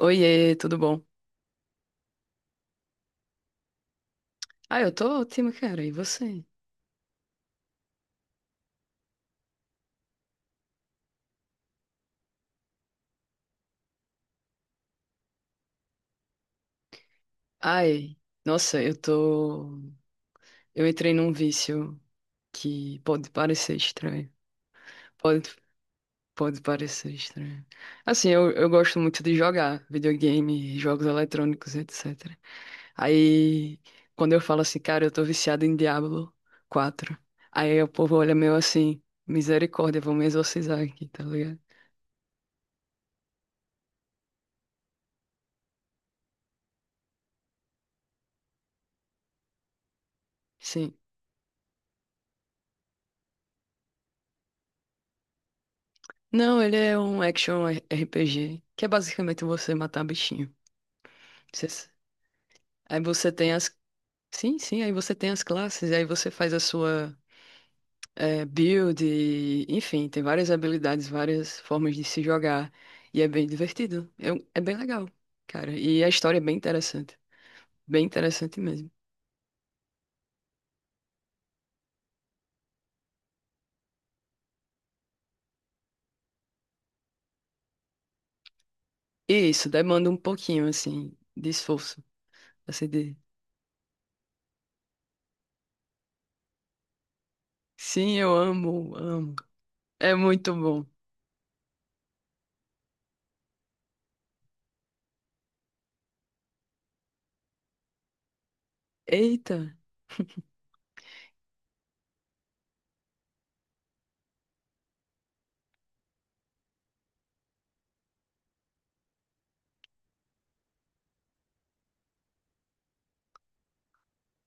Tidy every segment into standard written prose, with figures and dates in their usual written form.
Oiê, tudo bom? Ah, eu tô ótima, cara. E você? Ai, nossa, eu tô. Eu entrei num vício que pode parecer estranho. Pode, pode parecer estranho. Assim, eu gosto muito de jogar videogame, jogos eletrônicos, etc. Aí, quando eu falo assim, cara, eu tô viciado em Diablo 4. Aí o povo olha meio assim, misericórdia, vou me exorcizar aqui, tá ligado? Sim. Não, ele é um action RPG, que é basicamente você matar bichinho. Você s- Aí você tem as. Sim, sim, aí você tem as classes, aí você faz a sua build, e, enfim, tem várias habilidades, várias formas de se jogar. E é bem divertido. É, é bem legal, cara. E a história é bem interessante. Bem interessante mesmo. E isso demanda um pouquinho, assim, de esforço. Assim, de. Sim, eu amo, amo. É muito bom. Eita,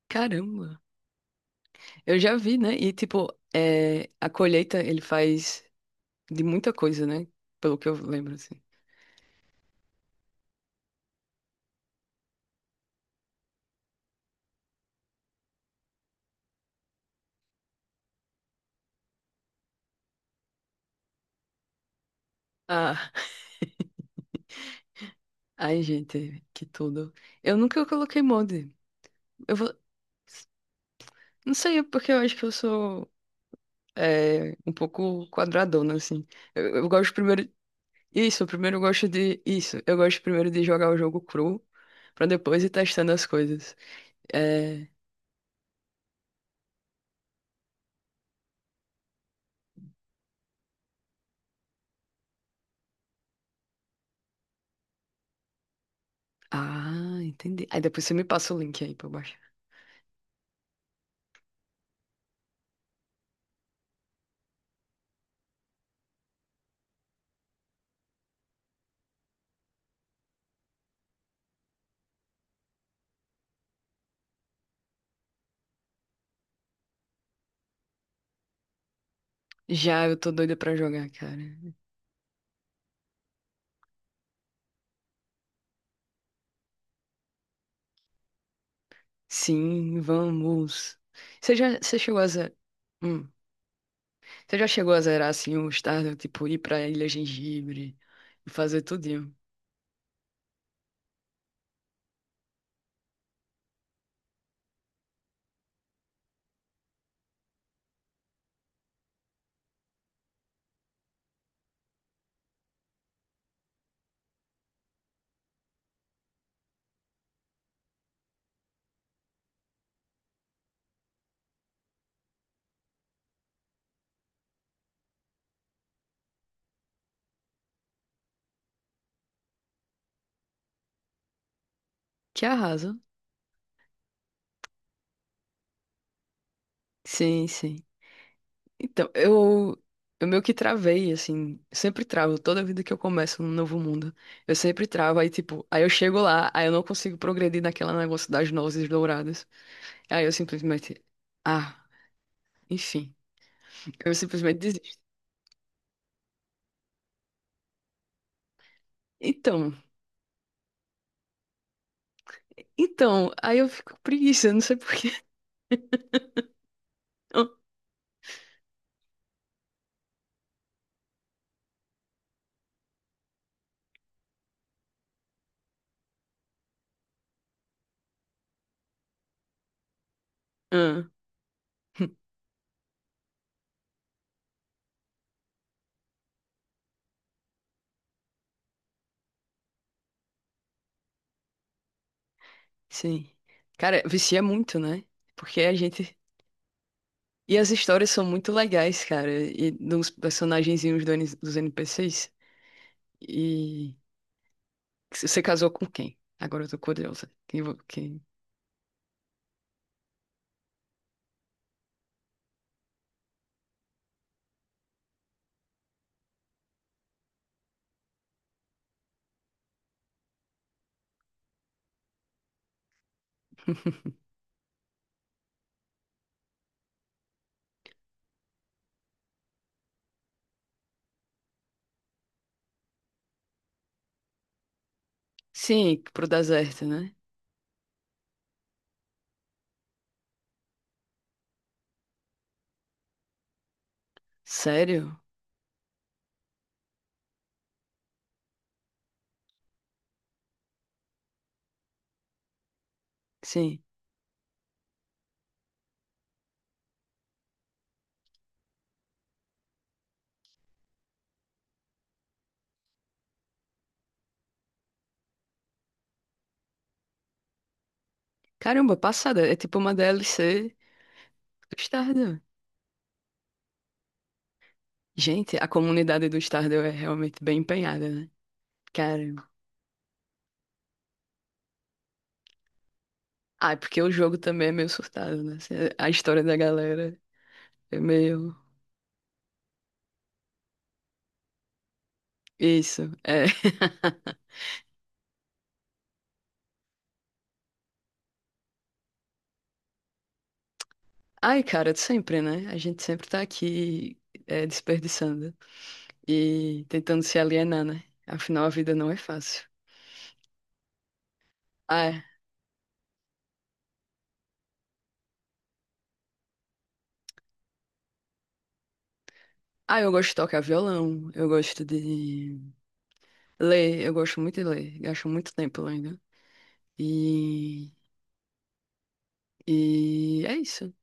caramba. Eu já vi, né? E, tipo, é, a colheita ele faz de muita coisa, né? Pelo que eu lembro, assim. Ah, ai, gente, que tudo. Eu nunca coloquei molde. Eu vou. Não sei, é porque eu acho que eu sou é, um pouco quadradona, assim. Eu gosto primeiro. Isso, primeiro eu gosto de. Isso, eu gosto primeiro de jogar o jogo cru, pra depois ir testando as coisas. É. Ah, entendi. Aí depois você me passa o link aí pra eu baixar. Já, eu tô doida pra jogar, cara. Sim, vamos. Você já, você chegou a zerar, hum, você já chegou a zerar assim o Stardew, tipo ir pra Ilha Gengibre e fazer tudinho. Que arrasa. Sim, sim. Então, eu meio que travei assim, sempre travo toda vida que eu começo um novo mundo. Eu sempre travo aí tipo, aí eu chego lá, aí eu não consigo progredir naquela negócio das nozes douradas. Aí eu simplesmente ah, enfim, eu simplesmente desisto. Então, então, aí eu fico com preguiça, não sei por quê. Ah, sim. Cara, vicia muito, né? Porque a gente. E as histórias são muito legais, cara. E dos personagenzinhos dos NPCs. E você casou com quem? Agora eu tô curiosa. Quem, quem. Sim, pro deserto, né? Sério? Sim. Caramba, passada. É tipo uma DLC do Stardew. Gente, a comunidade do Stardew é realmente bem empenhada, né? Cara. Ah, é porque o jogo também é meio surtado, né? A história da galera é meio. Isso, é. Ai, cara, sempre, né? A gente sempre tá aqui é, desperdiçando e tentando se alienar, né? Afinal, a vida não é fácil. Ah, é. Eu gosto de tocar violão, eu gosto de ler, eu gosto muito de ler, gasto muito tempo lendo. E, e é isso.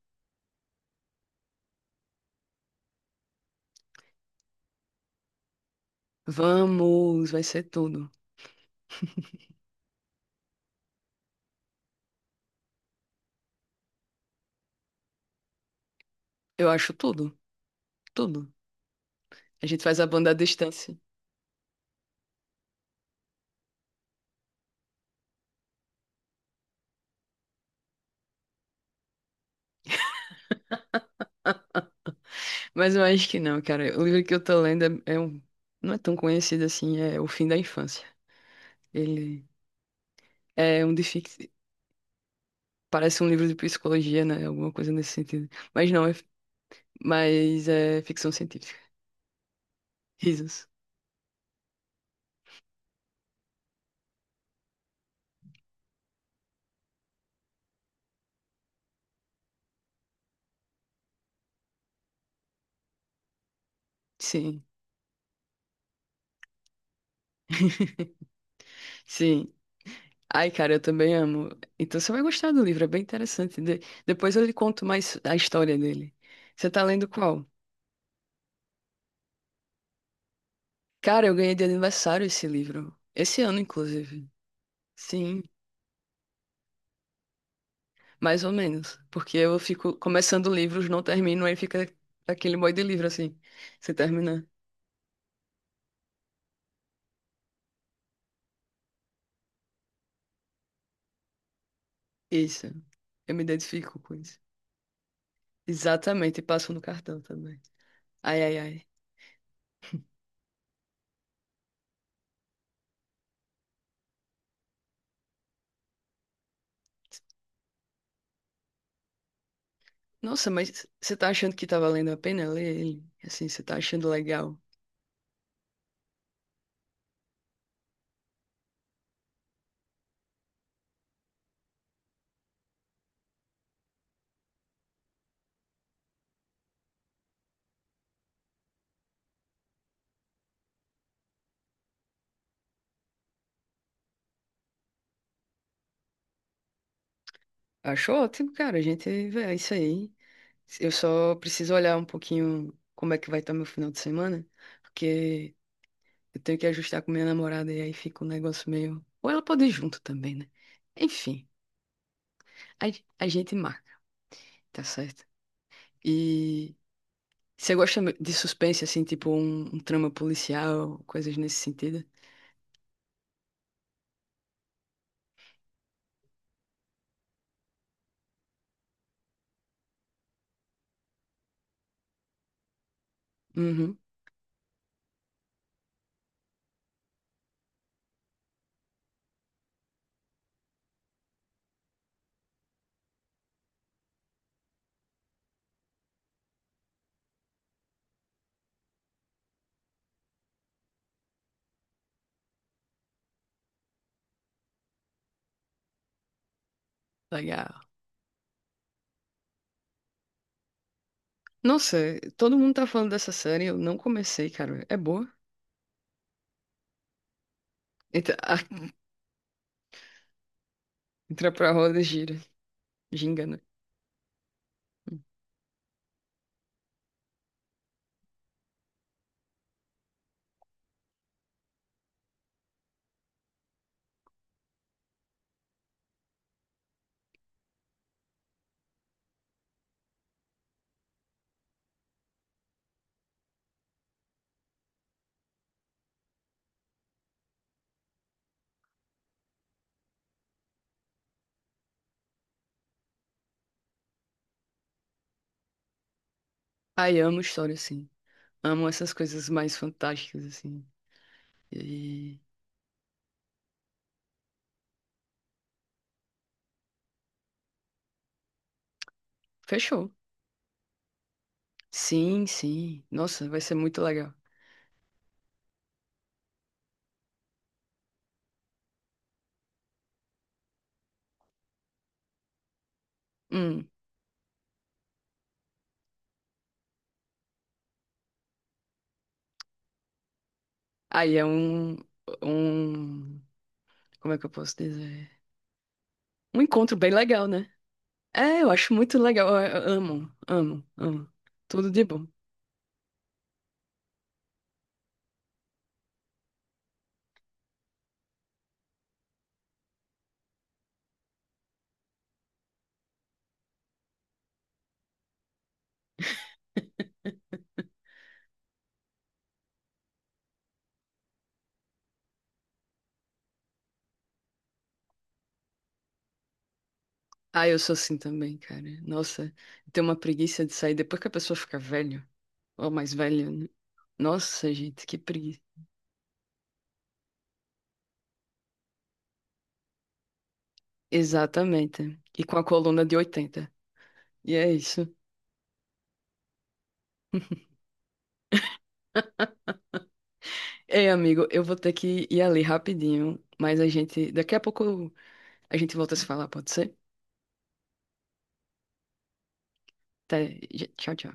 Vamos, vai ser tudo. Eu acho tudo, tudo. A gente faz a banda à distância. Mas eu acho que não, cara. O livro que eu tô lendo é um. Não é tão conhecido assim, é O Fim da Infância. Ele é um de. Parece um livro de psicologia, né? Alguma coisa nesse sentido. Mas não, mas é ficção científica. Risos. Sim, sim. Ai, cara, eu também amo. Então você vai gostar do livro, é bem interessante. Depois eu lhe conto mais a história dele. Você tá lendo qual? Cara, eu ganhei de aniversário esse livro. Esse ano, inclusive. Sim, mais ou menos. Porque eu fico começando livros, não termino, aí fica aquele monte de livro assim. Você termina. Isso. Eu me identifico com isso. Exatamente, e passam no cartão também. Ai, ai, ai. Nossa, mas você tá achando que tá valendo a pena ler ele? Assim, você tá achando legal? Acho ótimo, cara. A gente vê é isso aí. Eu só preciso olhar um pouquinho como é que vai estar meu final de semana, porque eu tenho que ajustar com minha namorada e aí fica um negócio meio. Ou ela pode ir junto também, né? Enfim, a, a gente marca, tá certo? E você gosta de suspense, assim, tipo um trama policial, coisas nesse sentido? Uhum. Legal. Nossa, todo mundo tá falando dessa série, eu não comecei, cara. É boa? Entra, entra pra roda, gira. Ginga, né? Ai, amo história, assim. Amo essas coisas mais fantásticas, assim. E. Fechou. Sim, sim. Nossa, vai ser muito legal. Hum. Aí é um. Um. Como é que eu posso dizer? Um encontro bem legal, né? É, eu acho muito legal. Eu amo, amo, amo. Tudo de bom. Ah, eu sou assim também, cara. Nossa, tem uma preguiça de sair depois que a pessoa fica velha, ou mais velha, né? Nossa, gente, que preguiça. Exatamente. E com a coluna de 80. E é isso. Ei, amigo, eu vou ter que ir ali rapidinho, mas a gente, daqui a pouco a gente volta a se falar, pode ser? Até, tchau, tchau.